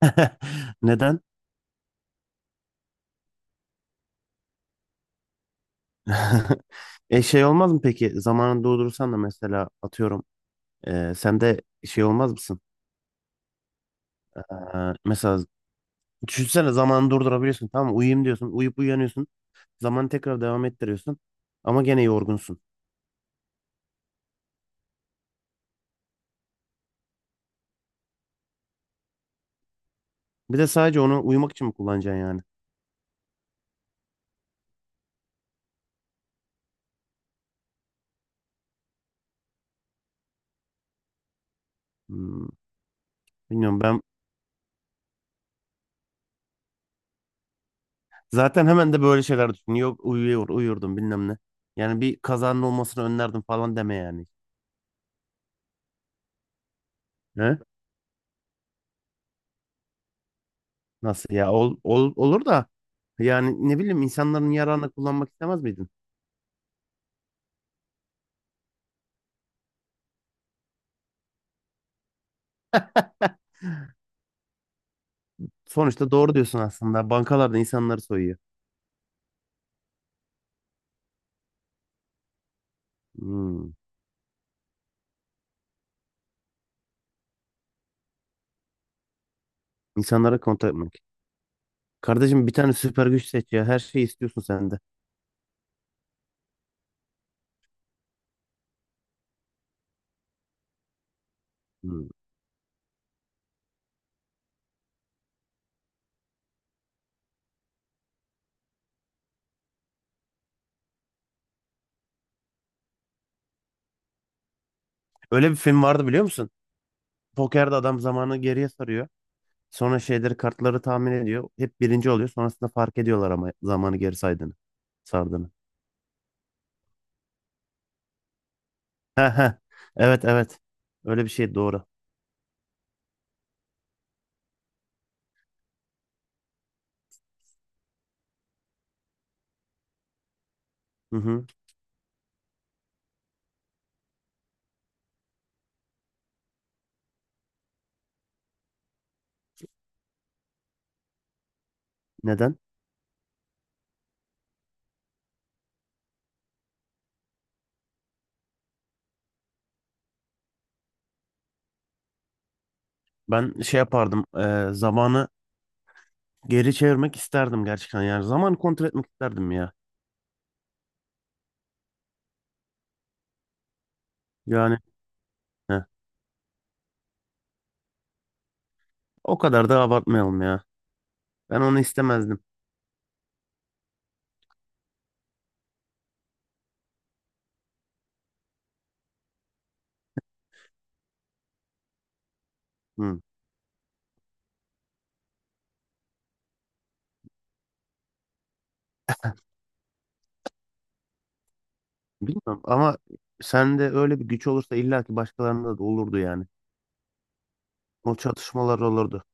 Neden? E şey olmaz mı peki? Zamanını doldurursan da mesela atıyorum. Sen de şey olmaz mısın? E, mesela düşünsene zamanı durdurabiliyorsun tamam mı? Uyuyayım diyorsun. Uyuyup uyanıyorsun. Zamanı tekrar devam ettiriyorsun. Ama gene yorgunsun. Bir de sadece onu uyumak için mi kullanacaksın yani? Hmm, Bilmiyorum ben, zaten hemen de böyle şeyler düşünüyorum. Yok, uyurdum bilmem ne. Yani bir kazanın olmasını önlerdim falan deme yani. He? Nasıl ya? Olur da yani ne bileyim, insanların yararına kullanmak istemez miydin? Sonuçta doğru diyorsun aslında. Bankalarda insanları soyuyor. Hmm. İnsanlara kontak etmek. Kardeşim, bir tane süper güç seç ya. Her şeyi istiyorsun sen de. Hmm. Öyle bir film vardı, biliyor musun? Pokerde adam zamanı geriye sarıyor. Sonra şeyleri, kartları tahmin ediyor. Hep birinci oluyor. Sonrasında fark ediyorlar ama zamanı geri saydığını. Sardığını. He he. Evet, evet. Öyle bir şey doğru. Hı hı. Neden? Ben şey yapardım. Zamanı geri çevirmek isterdim gerçekten yani. Zaman kontrol etmek isterdim ya. Yani, heh, o kadar da abartmayalım ya. Ben onu istemezdim. Hı. Bilmiyorum ama sende öyle bir güç olursa illa ki başkalarında da olurdu yani. O çatışmalar olurdu.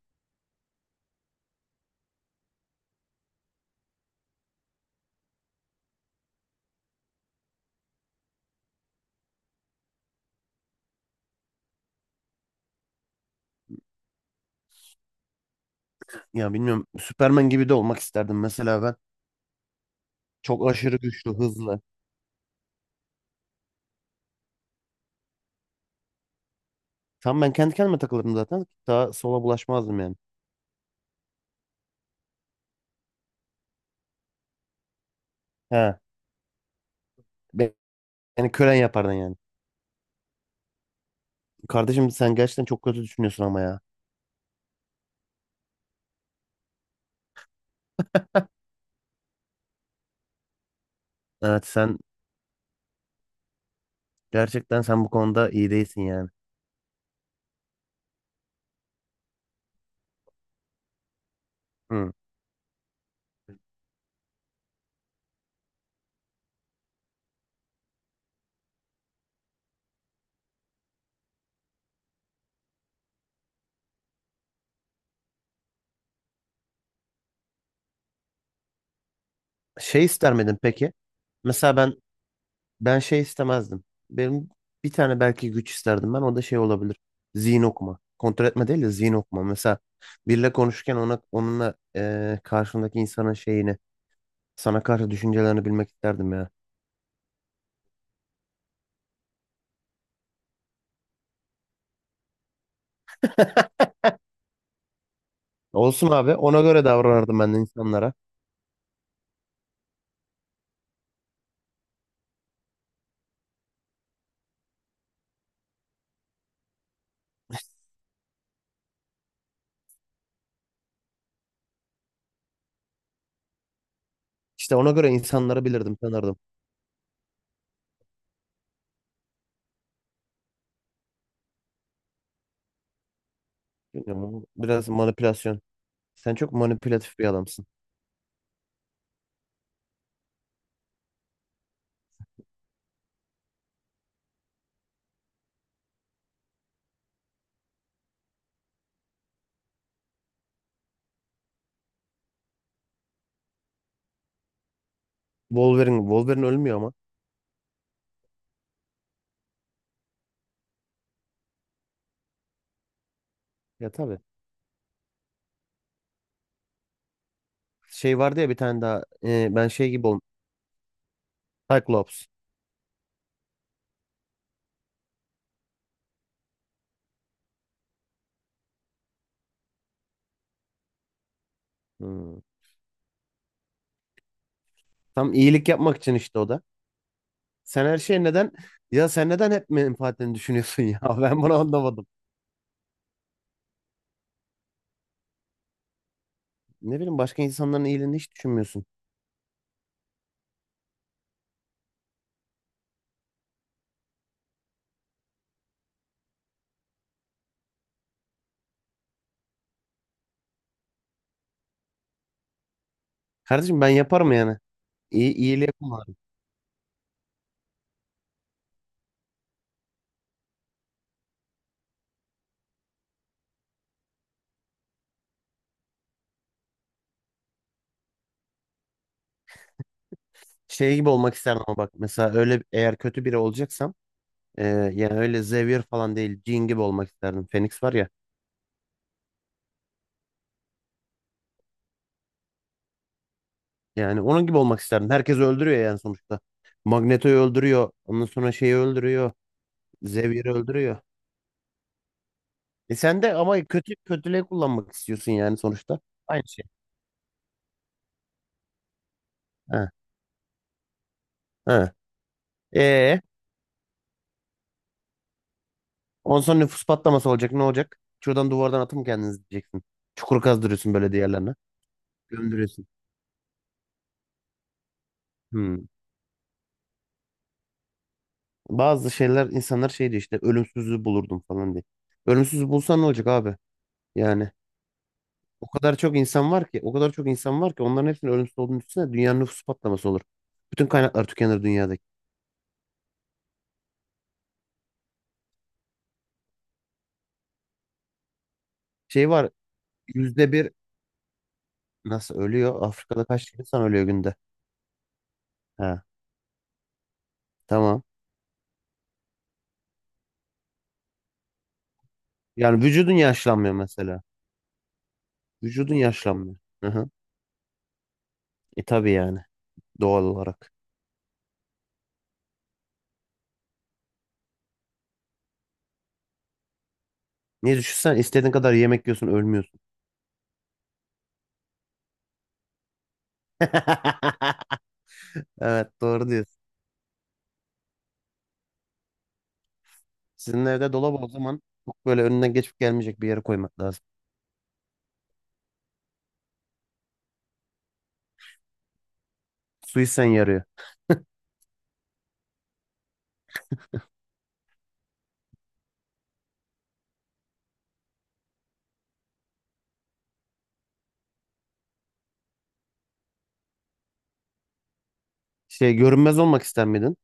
Ya bilmiyorum, Süpermen gibi de olmak isterdim mesela ben. Çok aşırı güçlü, hızlı. Tam ben kendi kendime takılırdım zaten. Daha sola bulaşmazdım yani. He. be- Beni kölen yapardın yani. Kardeşim, sen gerçekten çok kötü düşünüyorsun ama ya. Evet sen, gerçekten sen bu konuda iyi değilsin yani. Hı. Şey ister miydin peki? Mesela ben şey istemezdim. Benim bir tane belki güç isterdim ben. O da şey olabilir. Zihin okuma. Kontrol etme değil de zihin okuma. Mesela biriyle konuşurken onunla, karşındaki insanın şeyini, sana karşı düşüncelerini bilmek isterdim ya. Olsun abi. Ona göre davranırdım ben de insanlara. İşte ona göre insanları bilirdim, tanırdım. Bilmiyorum, bu biraz manipülasyon. Sen çok manipülatif bir adamsın. Wolverine ölmüyor ama. Ya, tabii. Şey vardı ya bir tane daha. Ben şey gibi olmuştum. Cyclops. Hmm. Tam iyilik yapmak için işte, o da. Sen her şey neden ya sen neden hep menfaatini düşünüyorsun ya? Ben bunu anlamadım. Ne bileyim, başka insanların iyiliğini hiç düşünmüyorsun. Kardeşim, ben yaparım yani. İyi, iyiliği yaparım. Şey gibi olmak isterdim ama bak, mesela öyle eğer kötü biri olacaksam, yani öyle Xavier falan değil, Jean gibi olmak isterdim. Phoenix var ya, yani onun gibi olmak isterdim. Herkes öldürüyor yani sonuçta. Magneto'yu öldürüyor. Ondan sonra şeyi öldürüyor. Xavier'i öldürüyor. E sen de ama kötü, kötülüğe kullanmak istiyorsun yani sonuçta. Aynı şey. Ha, ha. E, ondan sonra nüfus patlaması olacak. Ne olacak? Şuradan, duvardan atın kendinizi diyeceksin. Çukur kazdırıyorsun böyle diğerlerine. Gömdürüyorsun. Hmm. Bazı şeyler, insanlar şey diyor işte, ölümsüzlüğü bulurdum falan diye. Ölümsüzlüğü bulsan ne olacak abi? Yani o kadar çok insan var ki o kadar çok insan var ki onların hepsinin ölümsüz olduğunu düşünsene, dünyanın nüfus patlaması olur. Bütün kaynaklar tükenir dünyadaki. Şey var, %1, nasıl ölüyor? Afrika'da kaç insan ölüyor günde? Ha. Tamam. Yani vücudun yaşlanmıyor mesela. Vücudun yaşlanmıyor. Hı hı. E tabii yani, doğal olarak. Niye düşünsen istediğin kadar yemek yiyorsun, ölmüyorsun. Evet, doğru diyorsun. Sizin evde dolabı o zaman çok böyle önünden geçip gelmeyecek bir yere koymak lazım. Suisen yarıyor. Şey, görünmez olmak ister miydin?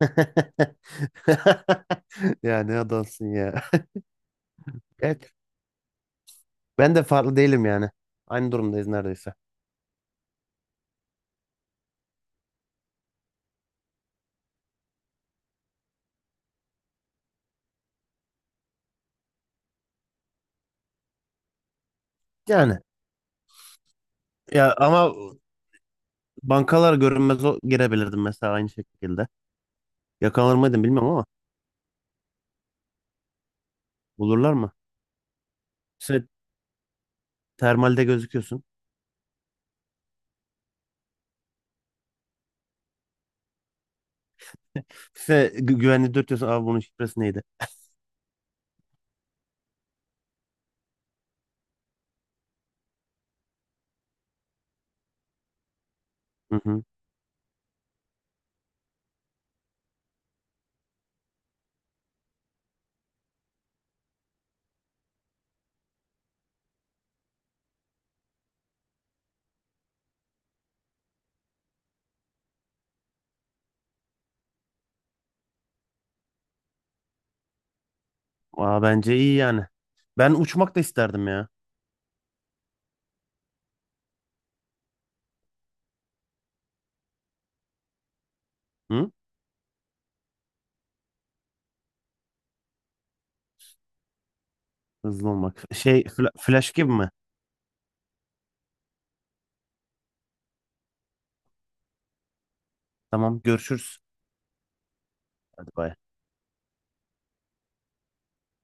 Ya, ne adamsın ya. Evet, ben de farklı değilim yani. Aynı durumdayız neredeyse. Yani ya ama bankalar, görünmez o girebilirdim mesela aynı şekilde. Yakalanır mıydın bilmem ama, bulurlar mı? Sen termalde gözüküyorsun. Sen güvenli dürtüyorsun. Abi, bunun şifresi neydi? Hı hı. Aa, bence iyi yani. Ben uçmak da isterdim ya. Hı? Hızlı olmak. Şey, flash gibi mi? Tamam, görüşürüz. Hadi, bay.